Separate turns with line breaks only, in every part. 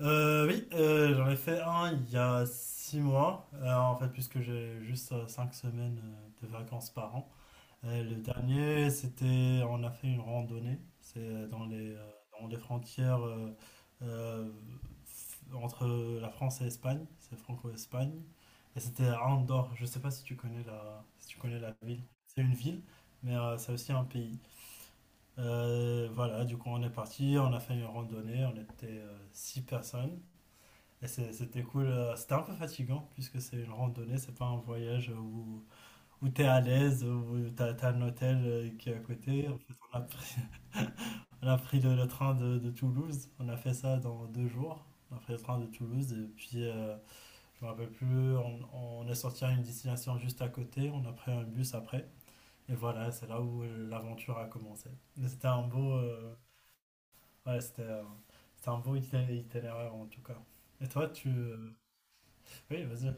Oui, j'en ai fait un il y a 6 mois, en fait, puisque j'ai juste 5 semaines de vacances par an. Et le dernier, c'était, on a fait une randonnée, c'est dans dans les frontières euh, entre la France et l'Espagne, c'est franco-Espagne, et c'était à Andorre. Je sais pas si tu connais si tu connais la ville. C'est une ville, mais c'est aussi un pays. Voilà, du coup, on est parti, on a fait une randonnée, on était six personnes. C'était cool. C'était un peu fatigant puisque c'est une randonnée, c'est pas un voyage où t'es à l'aise, où t'as un hôtel qui est à côté. En fait, on a pris, on a pris le train de Toulouse. On a fait ça dans 2 jours. On a pris le train de Toulouse et puis je me rappelle plus. On est sorti à une destination juste à côté. On a pris un bus après. Et voilà, c'est là où l'aventure a commencé. Mais C'était un beau, euh, ouais, c'était un itinéraire en tout cas. Et toi, tu, euh, oui, vas-y.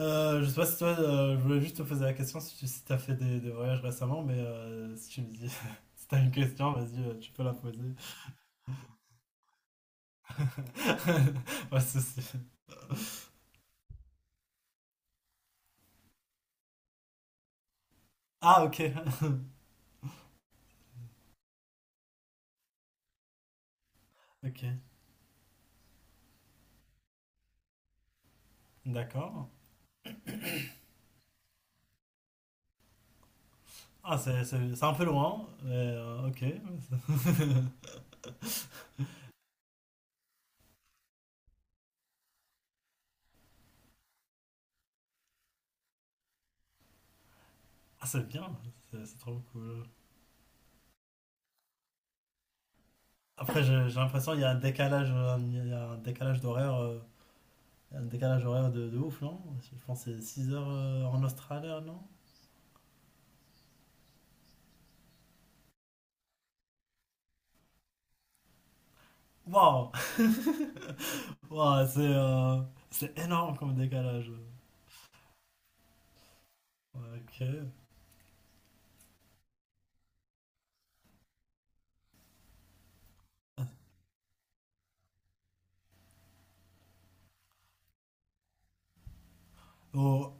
Je sais pas si toi, je voulais juste te poser la question si t'as fait des voyages récemment, mais si tu me dis, si t'as une question, vas-y, tu peux la poser. Pas de souci. Ah, ok. Ok, d'accord. Ah, c'est un peu loin, mais ok. Ah, c'est bien, c'est trop cool. Après, j'ai l'impression qu'il y a un décalage, il y a un décalage d'horaire, il y a un décalage horaire de ouf, non? Je pense que c'est 6 heures en Australie, non? Waouh! Ouah, c'est énorme comme décalage. Ouais, ok. Oh,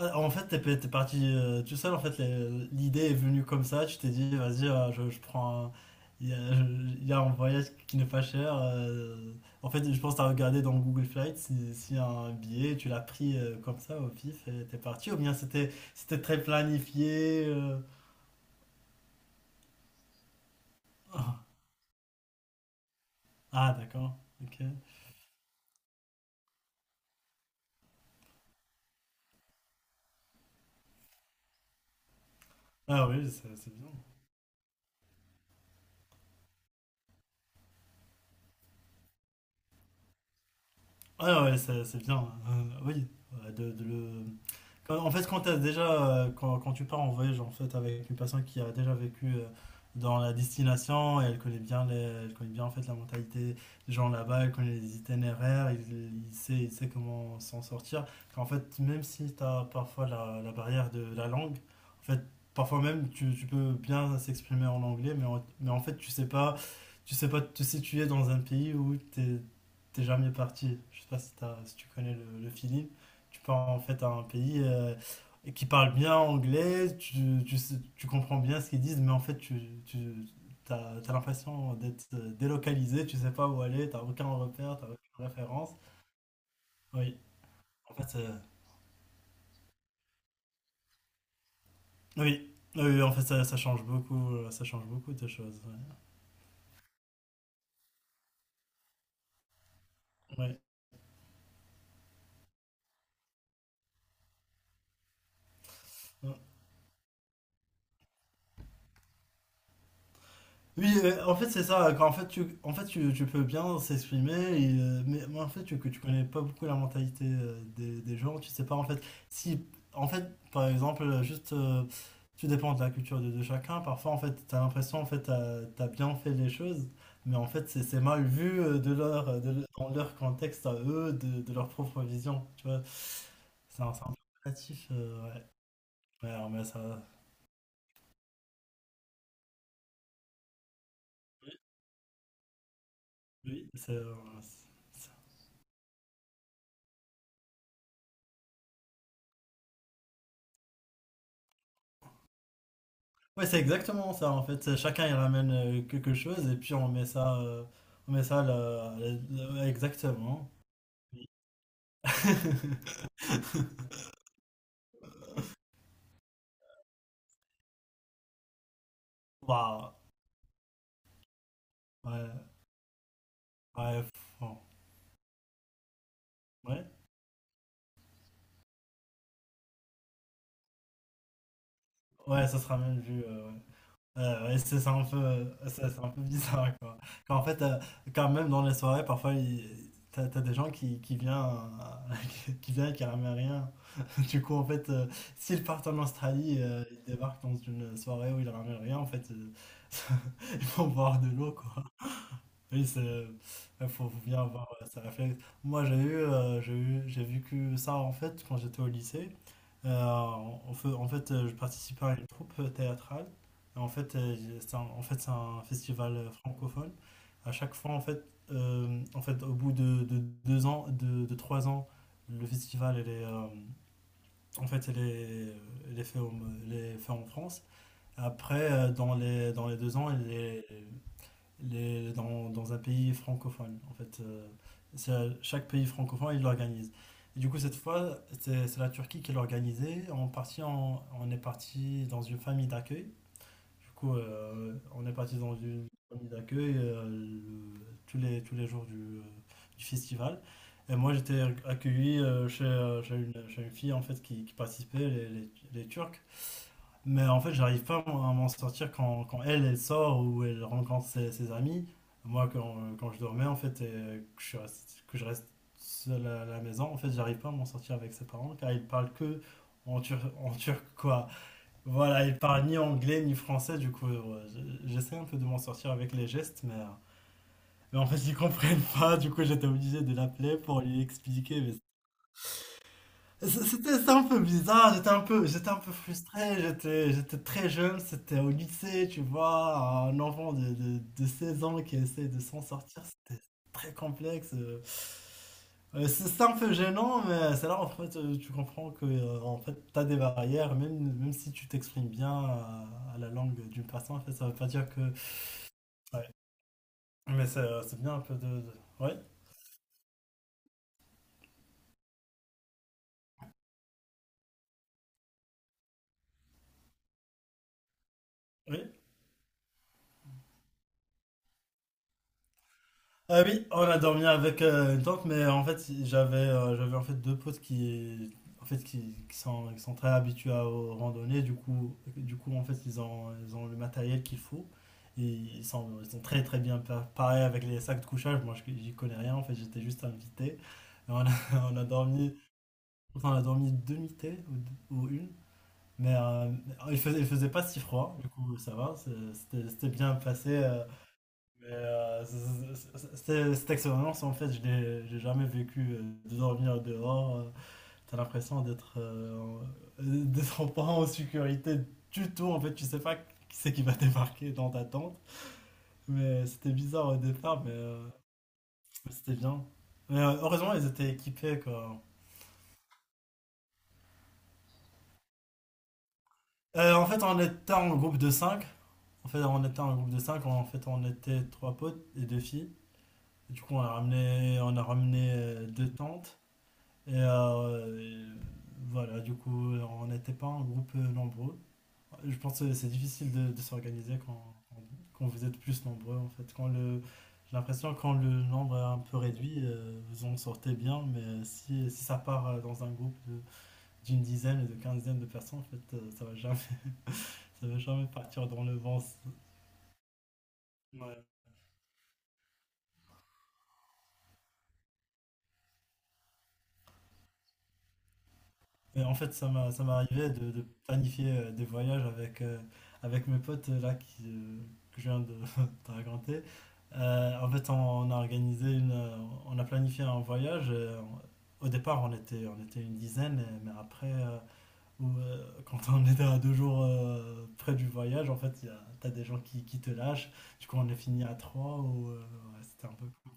en fait, t'es parti tout seul. En fait, l'idée est venue comme ça. Tu t'es dit, vas-y, je prends. Il y a un voyage qui n'est pas cher. En fait, je pense que t'as regardé dans Google Flight s'il y a un billet. Tu l'as pris comme ça au pif et t'es parti. Ou bien c'était très planifié. Ah, ah, d'accord. Ok. Ah oui, c'est bien. Ouais, ouais, c'est bien. Oui, euh, de, de le, en fait, quand, t'as déjà, quand, quand tu pars en voyage en fait, avec une personne qui a déjà vécu dans la destination et elle connaît bien en fait, la mentalité des gens là-bas, elle connaît les itinéraires, il sait comment s'en sortir. En fait, même si t'as parfois la barrière de la langue, en fait, parfois même tu peux bien s'exprimer en anglais, mais en fait, tu sais pas te situer dans un pays où t'es jamais parti. Je sais pas si tu connais le feeling. Tu pars en fait à un pays qui parle bien anglais, tu comprends bien ce qu'ils disent, mais en fait, t'as l'impression d'être délocalisé, tu sais pas où aller, t'as aucun repère, t'as aucune référence. Oui, en fait, euh, oui, oui, en fait, ça change beaucoup de choses. Ouais, ouais, oui, en fait, c'est ça. Quand, en fait, tu, En fait, tu peux bien s'exprimer, mais en fait, que tu connais pas beaucoup la mentalité des gens. Tu sais pas, en fait, si, en fait, par exemple, tu dépends de la culture de chacun. Parfois, en fait, tu as l'impression, en fait, bien fait les choses, mais en fait, c'est mal vu de dans leur contexte à eux, de leur propre vision. Tu vois, c'est un peu relatif. Ouais. Ouais, mais ça, oui, c'est. Ouais, c'est exactement ça en fait. Chacun il ramène quelque chose et puis on met ça là, exactement. Waouh. Ouais, ouais, bon, ouais, ouais, ça se ramène vu. Ouais. Ouais, c'est un peu bizarre quoi. Quand, en fait, euh, Quand même dans les soirées, parfois t'as des gens qui viennent, qui viennent et qui ramènent rien. Du coup, en fait, s'ils partent en Australie, ils débarquent dans une soirée où ils ramènent rien, en fait, ils vont boire de l'eau, quoi. Oui, il faut bien avoir ce réflexe. Moi, j'ai vécu ça, en fait, quand j'étais au lycée. En fait, je participais à une troupe théâtrale. Et en fait, c'est un festival francophone. À chaque fois, en fait, au bout de 2 ans, de 3 ans, le festival, il est... en fait, elle est faite au- elle est faite en France. Après, dans les 2 ans, elle est dans un pays francophone. En fait, c'est- chaque pays francophone, il l'organise. Et du coup, cette fois, c'est la Turquie qui l'a organisée. En partie, on est parti dans une famille d'accueil. Du coup, on est parti dans une famille d'accueil tous les jours du festival. Et moi, j'étais accueilli chez une fille en fait qui participait, les Turcs. Mais en fait, j'arrive pas moi, à m'en sortir quand elle sort ou elle rencontre ses amis. Moi, quand je dormais en fait, et que je reste seul à la maison, en fait, j'arrive pas à m'en sortir avec ses parents car ils parlent que en turc, quoi. Voilà, il parle ni anglais ni français, du coup, j'essaie un peu de m'en sortir avec les gestes, mais en fait, ils comprennent pas, du coup, j'étais obligé de l'appeler pour lui expliquer, mais c'était un peu bizarre, j'étais un peu frustré, j'étais très jeune, c'était au lycée, tu vois, un enfant de 16 ans qui essaie de s'en sortir, c'était très complexe. C'est un peu gênant, mais c'est là en fait, tu comprends que en fait, t'as des barrières, même si tu t'exprimes bien à la langue d'une personne, en fait, ça veut pas dire que... Ouais. Mais c'est bien un peu de... Ouais, oui. Ah oui, oh, on a dormi avec une tante, mais en fait, j'avais en fait deux potes qui sont très habitués aux randonnées, du coup en fait ils ont le matériel qu'il faut. Et ils sont très très bien préparés avec les sacs de couchage. Moi, j'y connais rien. En fait, j'étais juste invité. Et on a, on a dormi on a dormi deux nuitées ou une, mais il faisait pas si froid. Du coup, ça va, c'était bien passé. Mais cette expérience, en fait, je l'ai j'ai jamais vécu de dormir dehors. T'as l'impression d'être pas en sécurité du tout. En fait, tu sais pas qui c'est qui va débarquer dans ta tente. Mais c'était bizarre au départ, mais c'était bien. Heureusement, ils étaient équipés, quoi. En fait, on était en groupe de cinq. En fait, on était trois potes et deux filles. Du coup, on a ramené deux tentes. Et, euh, euh, voilà, du coup, on n'était pas un groupe nombreux. Je pense que c'est difficile de s'organiser quand vous êtes plus nombreux, en fait. J'ai l'impression que quand le nombre est un peu réduit, vous en sortez bien, mais si ça part dans un groupe d'une dizaine et de quinzaine de personnes, en fait, ça va jamais, ça va jamais partir dans le vent. Ouais. Et en fait, ça m'est arrivé de planifier des voyages avec mes potes là que je viens de te raconter. En fait, on a organisé une, euh, on a planifié un voyage. Au départ, on était une dizaine, mais après, quand on était à 2 jours près du voyage, en fait, t'as des gens qui te lâchent. Du coup, on est fini à trois ou ouais, c'était un peu. Cool.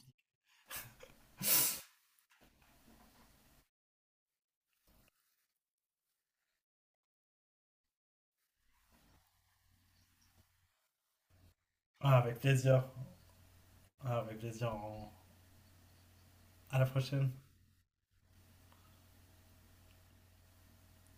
Ah, avec plaisir. Ah, avec plaisir. À la prochaine.